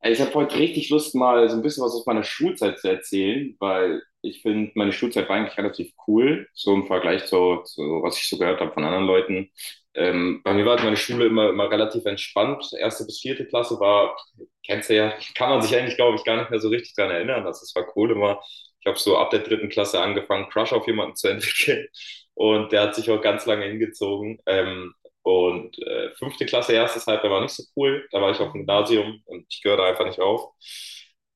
Ey, ich habe heute richtig Lust, mal so ein bisschen was aus meiner Schulzeit zu erzählen, weil ich finde, meine Schulzeit war eigentlich relativ cool, so im Vergleich zu was ich so gehört habe von anderen Leuten. Bei mir war halt meine Schule immer relativ entspannt. Erste bis vierte Klasse war, kennst du ja, kann man sich eigentlich, glaube ich, gar nicht mehr so richtig dran erinnern, dass es war cool immer. Ich habe so ab der dritten Klasse angefangen, Crush auf jemanden zu entwickeln, und der hat sich auch ganz lange hingezogen. Fünfte Klasse, erstes Halbjahr war nicht so cool. Da war ich auf dem Gymnasium und ich gehöre da einfach nicht auf.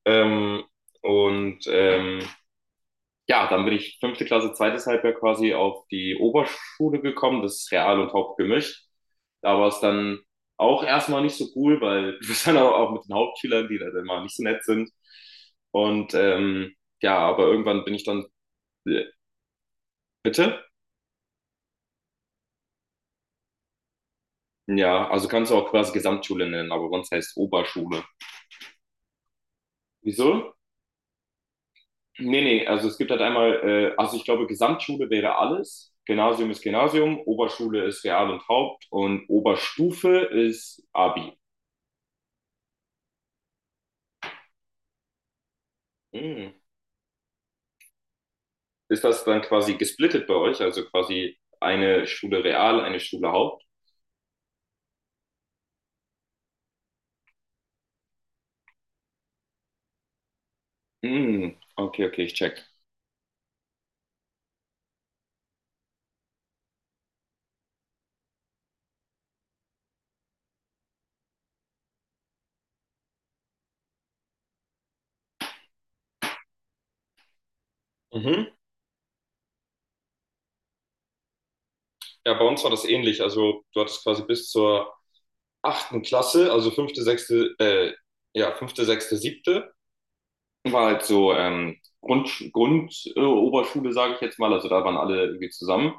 Ähm, und ähm, ja, dann bin ich fünfte Klasse, zweites Halbjahr quasi auf die Oberschule gekommen. Das ist Real und Haupt gemischt. Da war es dann auch erstmal nicht so cool, weil du bist dann auch mit den Hauptschülern, die dann mal nicht so nett sind. Und ja, aber irgendwann bin ich dann, bitte? Ja, also kannst du auch quasi Gesamtschule nennen, aber sonst heißt es Oberschule. Wieso? Nee, nee, also es gibt halt einmal, also ich glaube, Gesamtschule wäre alles. Gymnasium ist Gymnasium, Oberschule ist Real und Haupt und Oberstufe ist Abi. Hm. Ist das dann quasi gesplittet bei euch? Also quasi eine Schule Real, eine Schule Haupt? Hm. Okay, okay, ich check. Mhm. Ja, bei uns war das ähnlich. Also du hattest quasi bis zur achten Klasse, also fünfte, sechste, siebte. War halt so Grund Oberschule, sage ich jetzt mal. Also da waren alle irgendwie zusammen.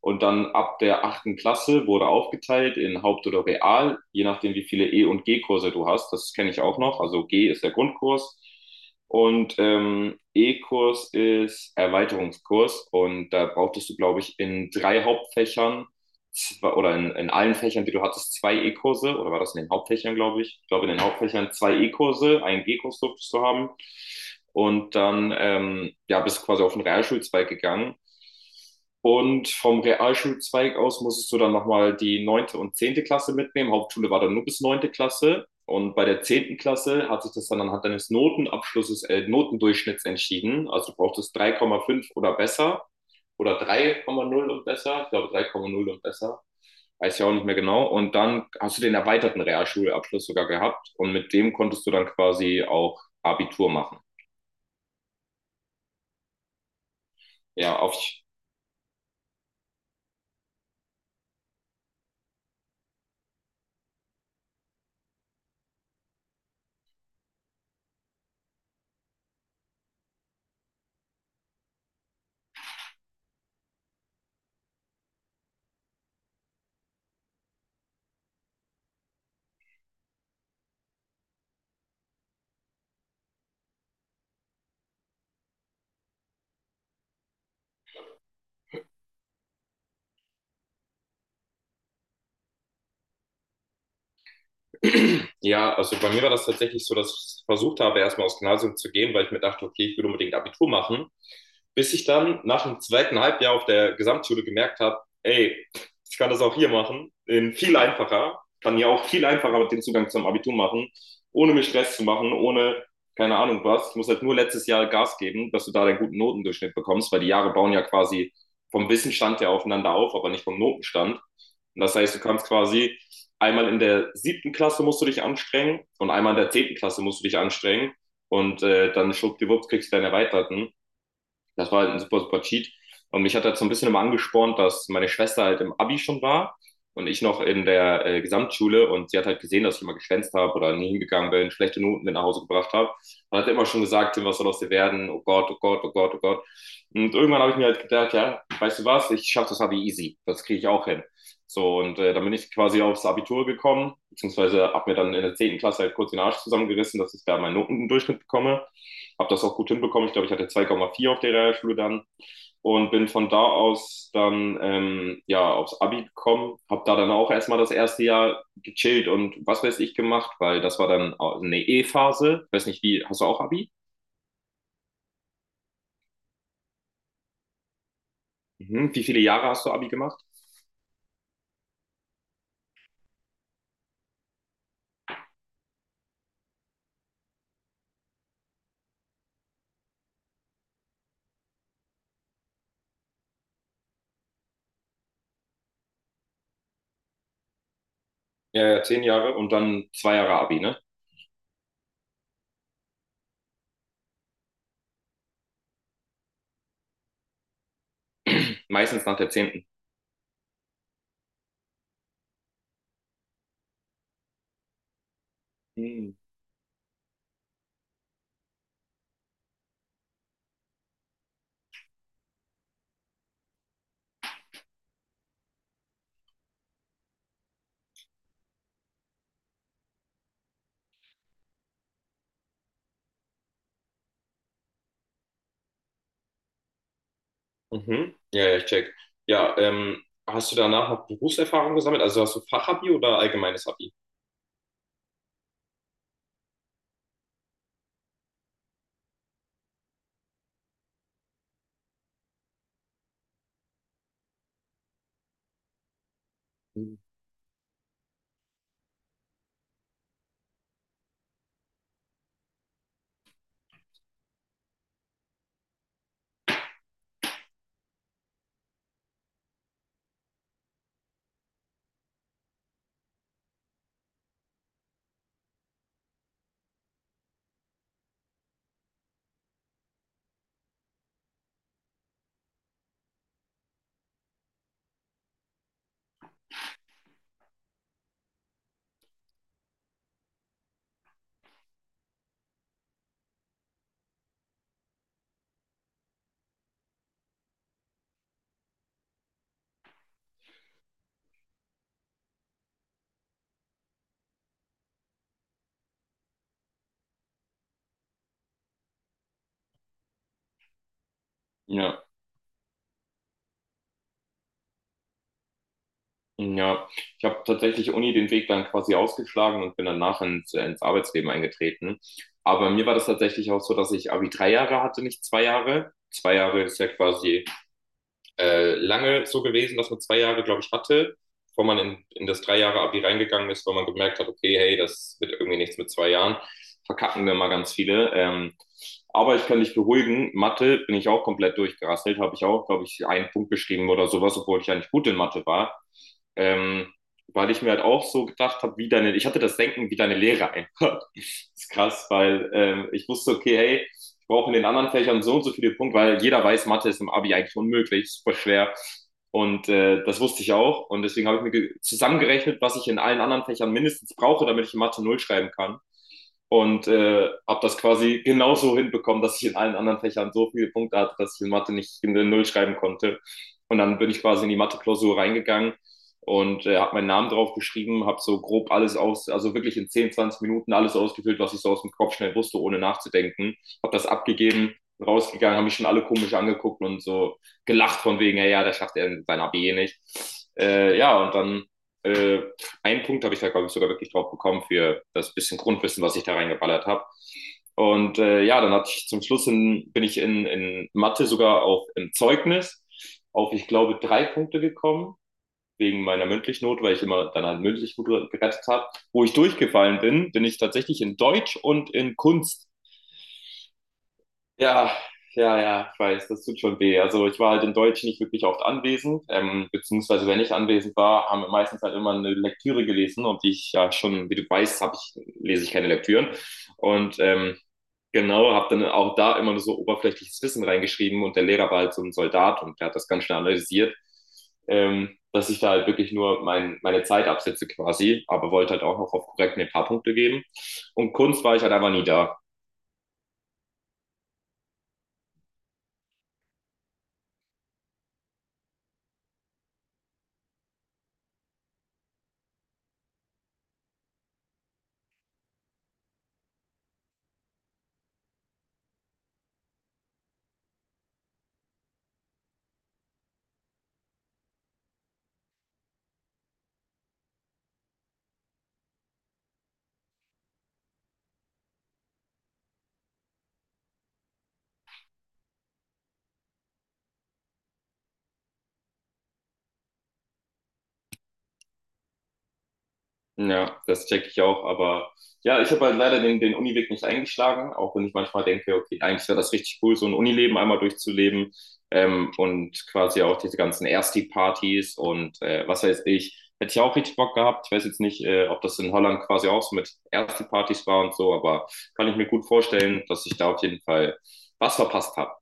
Und dann ab der achten Klasse wurde aufgeteilt in Haupt- oder Real, je nachdem, wie viele E- und G-Kurse du hast. Das kenne ich auch noch. Also G ist der Grundkurs und E-Kurs ist Erweiterungskurs. Und da brauchtest du, glaube ich, in drei Hauptfächern zwei- oder in allen Fächern, die du hattest, zwei E-Kurse, oder war das in den Hauptfächern, glaube ich? Ich glaube, in den Hauptfächern zwei E-Kurse, einen G-Kurs durftest du haben. Und dann ja, bist du quasi auf den Realschulzweig gegangen. Und vom Realschulzweig aus musstest du dann nochmal die neunte und zehnte Klasse mitnehmen. Hauptschule war dann nur bis neunte Klasse. Und bei der zehnten Klasse hat sich das dann anhand deines Notendurchschnitts entschieden. Also du brauchtest drei Komma fünf oder besser oder drei Komma null und besser. Ich glaube drei Komma null und besser, weiß ja auch nicht mehr genau. Und dann hast du den erweiterten Realschulabschluss sogar gehabt und mit dem konntest du dann quasi auch Abitur machen. Ja, auf, ja, also bei mir war das tatsächlich so, dass ich versucht habe, erstmal aufs Gymnasium zu gehen, weil ich mir dachte, okay, ich will unbedingt Abitur machen. Bis ich dann nach dem zweiten Halbjahr auf der Gesamtschule gemerkt habe, ey, ich kann das auch hier machen, in viel einfacher, kann ja auch viel einfacher den Zugang zum Abitur machen, ohne mir Stress zu machen, ohne keine Ahnung was. Ich muss halt nur letztes Jahr Gas geben, dass du da deinen guten Notendurchschnitt bekommst, weil die Jahre bauen ja quasi vom Wissenstand her aufeinander auf, aber nicht vom Notenstand. Und das heißt, du kannst quasi einmal in der siebten Klasse musst du dich anstrengen und einmal in der zehnten Klasse musst du dich anstrengen. Und dann schwuppdiwupps kriegst du deinen Erweiterten. Das war halt ein super, super Cheat. Und mich hat das so ein bisschen immer angespornt, dass meine Schwester halt im Abi schon war und ich noch in der Gesamtschule, und sie hat halt gesehen, dass ich immer geschwänzt habe oder nie hingegangen bin, schlechte Noten mit nach Hause gebracht habe. Und hat immer schon gesagt, Tim, was soll aus dir werden? Oh Gott, oh Gott, oh Gott, oh Gott. Und irgendwann habe ich mir halt gedacht, ja, weißt du was, ich schaffe das Abi easy. Das kriege ich auch hin. So, und dann bin ich quasi aufs Abitur gekommen, beziehungsweise habe mir dann in der zehnten Klasse halt kurz den Arsch zusammengerissen, dass ich da meinen Notendurchschnitt bekomme, habe das auch gut hinbekommen. Ich glaube, ich hatte 2,4 auf der Realschule dann und bin von da aus dann ja aufs Abi gekommen, habe da dann auch erstmal das erste Jahr gechillt und was weiß ich gemacht, weil das war dann eine E-Phase. Ich weiß nicht, wie hast du auch Abi? Mhm. Wie viele Jahre hast du Abi gemacht? Ja, zehn Jahre und dann zwei Jahre Abi, ne? Meistens nach der zehnten. Mhm. Mhm. Ja, ja, ich check. Ja, hast du danach noch Berufserfahrung gesammelt? Also hast du Fachabi oder allgemeines Abi? Mhm. Ja. Ja, ich habe tatsächlich Uni den Weg dann quasi ausgeschlagen und bin danach ins Arbeitsleben eingetreten. Aber mir war das tatsächlich auch so, dass ich Abi drei Jahre hatte, nicht zwei Jahre. Zwei Jahre ist ja quasi lange so gewesen, dass man zwei Jahre, glaube ich, hatte, bevor man in das drei Jahre Abi reingegangen ist, weil man gemerkt hat, okay, hey, das wird irgendwie nichts mit zwei Jahren. Verkacken wir mal ganz viele. Aber ich kann dich beruhigen, Mathe bin ich auch komplett durchgerasselt, habe ich auch, glaube ich, einen Punkt geschrieben oder sowas, obwohl ich eigentlich gut in Mathe war, ähm, weil ich mir halt auch so gedacht habe, wie deine, ich hatte das Denken, wie deine Lehre einfach. Ist krass, weil ich wusste, okay, hey, ich brauche in den anderen Fächern so und so viele Punkte, weil jeder weiß, Mathe ist im Abi eigentlich unmöglich, super schwer. Und das wusste ich auch. Und deswegen habe ich mir zusammengerechnet, was ich in allen anderen Fächern mindestens brauche, damit ich in Mathe null schreiben kann. Und habe das quasi genauso hinbekommen, dass ich in allen anderen Fächern so viele Punkte hatte, dass ich in Mathe nicht in der Null schreiben konnte. Und dann bin ich quasi in die Mathe-Klausur reingegangen und habe meinen Namen drauf geschrieben, habe so grob alles aus, also wirklich in 10, 20 Minuten alles ausgefüllt, was ich so aus dem Kopf schnell wusste, ohne nachzudenken. Habe das abgegeben, rausgegangen, haben mich schon alle komisch angeguckt und so gelacht von wegen, ja, ja, der schafft er sein A B nicht. Ja, und dann äh, einen Punkt habe ich da, glaube ich, sogar wirklich drauf bekommen für das bisschen Grundwissen, was ich da reingeballert habe. Und ja, dann hatte ich zum Schluss bin ich in Mathe sogar auch im Zeugnis auf, ich glaube, drei Punkte gekommen wegen meiner mündlichen Note, weil ich immer dann halt mündlich gut gerettet habe, wo ich durchgefallen bin, bin ich tatsächlich in Deutsch und in Kunst, ja, ja, ja, ich weiß, das tut schon weh. Also ich war halt in Deutsch nicht wirklich oft anwesend, beziehungsweise wenn ich anwesend war, haben wir meistens halt immer eine Lektüre gelesen, und die ich ja schon, wie du weißt, lese ich keine Lektüren. Und genau, habe dann auch da immer nur so oberflächliches Wissen reingeschrieben, und der Lehrer war halt so ein Soldat und der hat das ganz schnell analysiert, dass ich da halt wirklich nur meine Zeit absetze quasi, aber wollte halt auch noch auf korrekt mir ein paar Punkte geben. Und Kunst war ich halt einfach nie da. Ja, das checke ich auch, aber ja, ich habe halt leider den Uniweg nicht eingeschlagen, auch wenn ich manchmal denke, okay, eigentlich wäre das richtig cool, so ein Unileben einmal durchzuleben, und quasi auch diese ganzen Ersti-Partys und was weiß ich, hätte ich auch richtig Bock gehabt. Ich weiß jetzt nicht, ob das in Holland quasi auch so mit Ersti-Partys war und so, aber kann ich mir gut vorstellen, dass ich da auf jeden Fall was verpasst habe.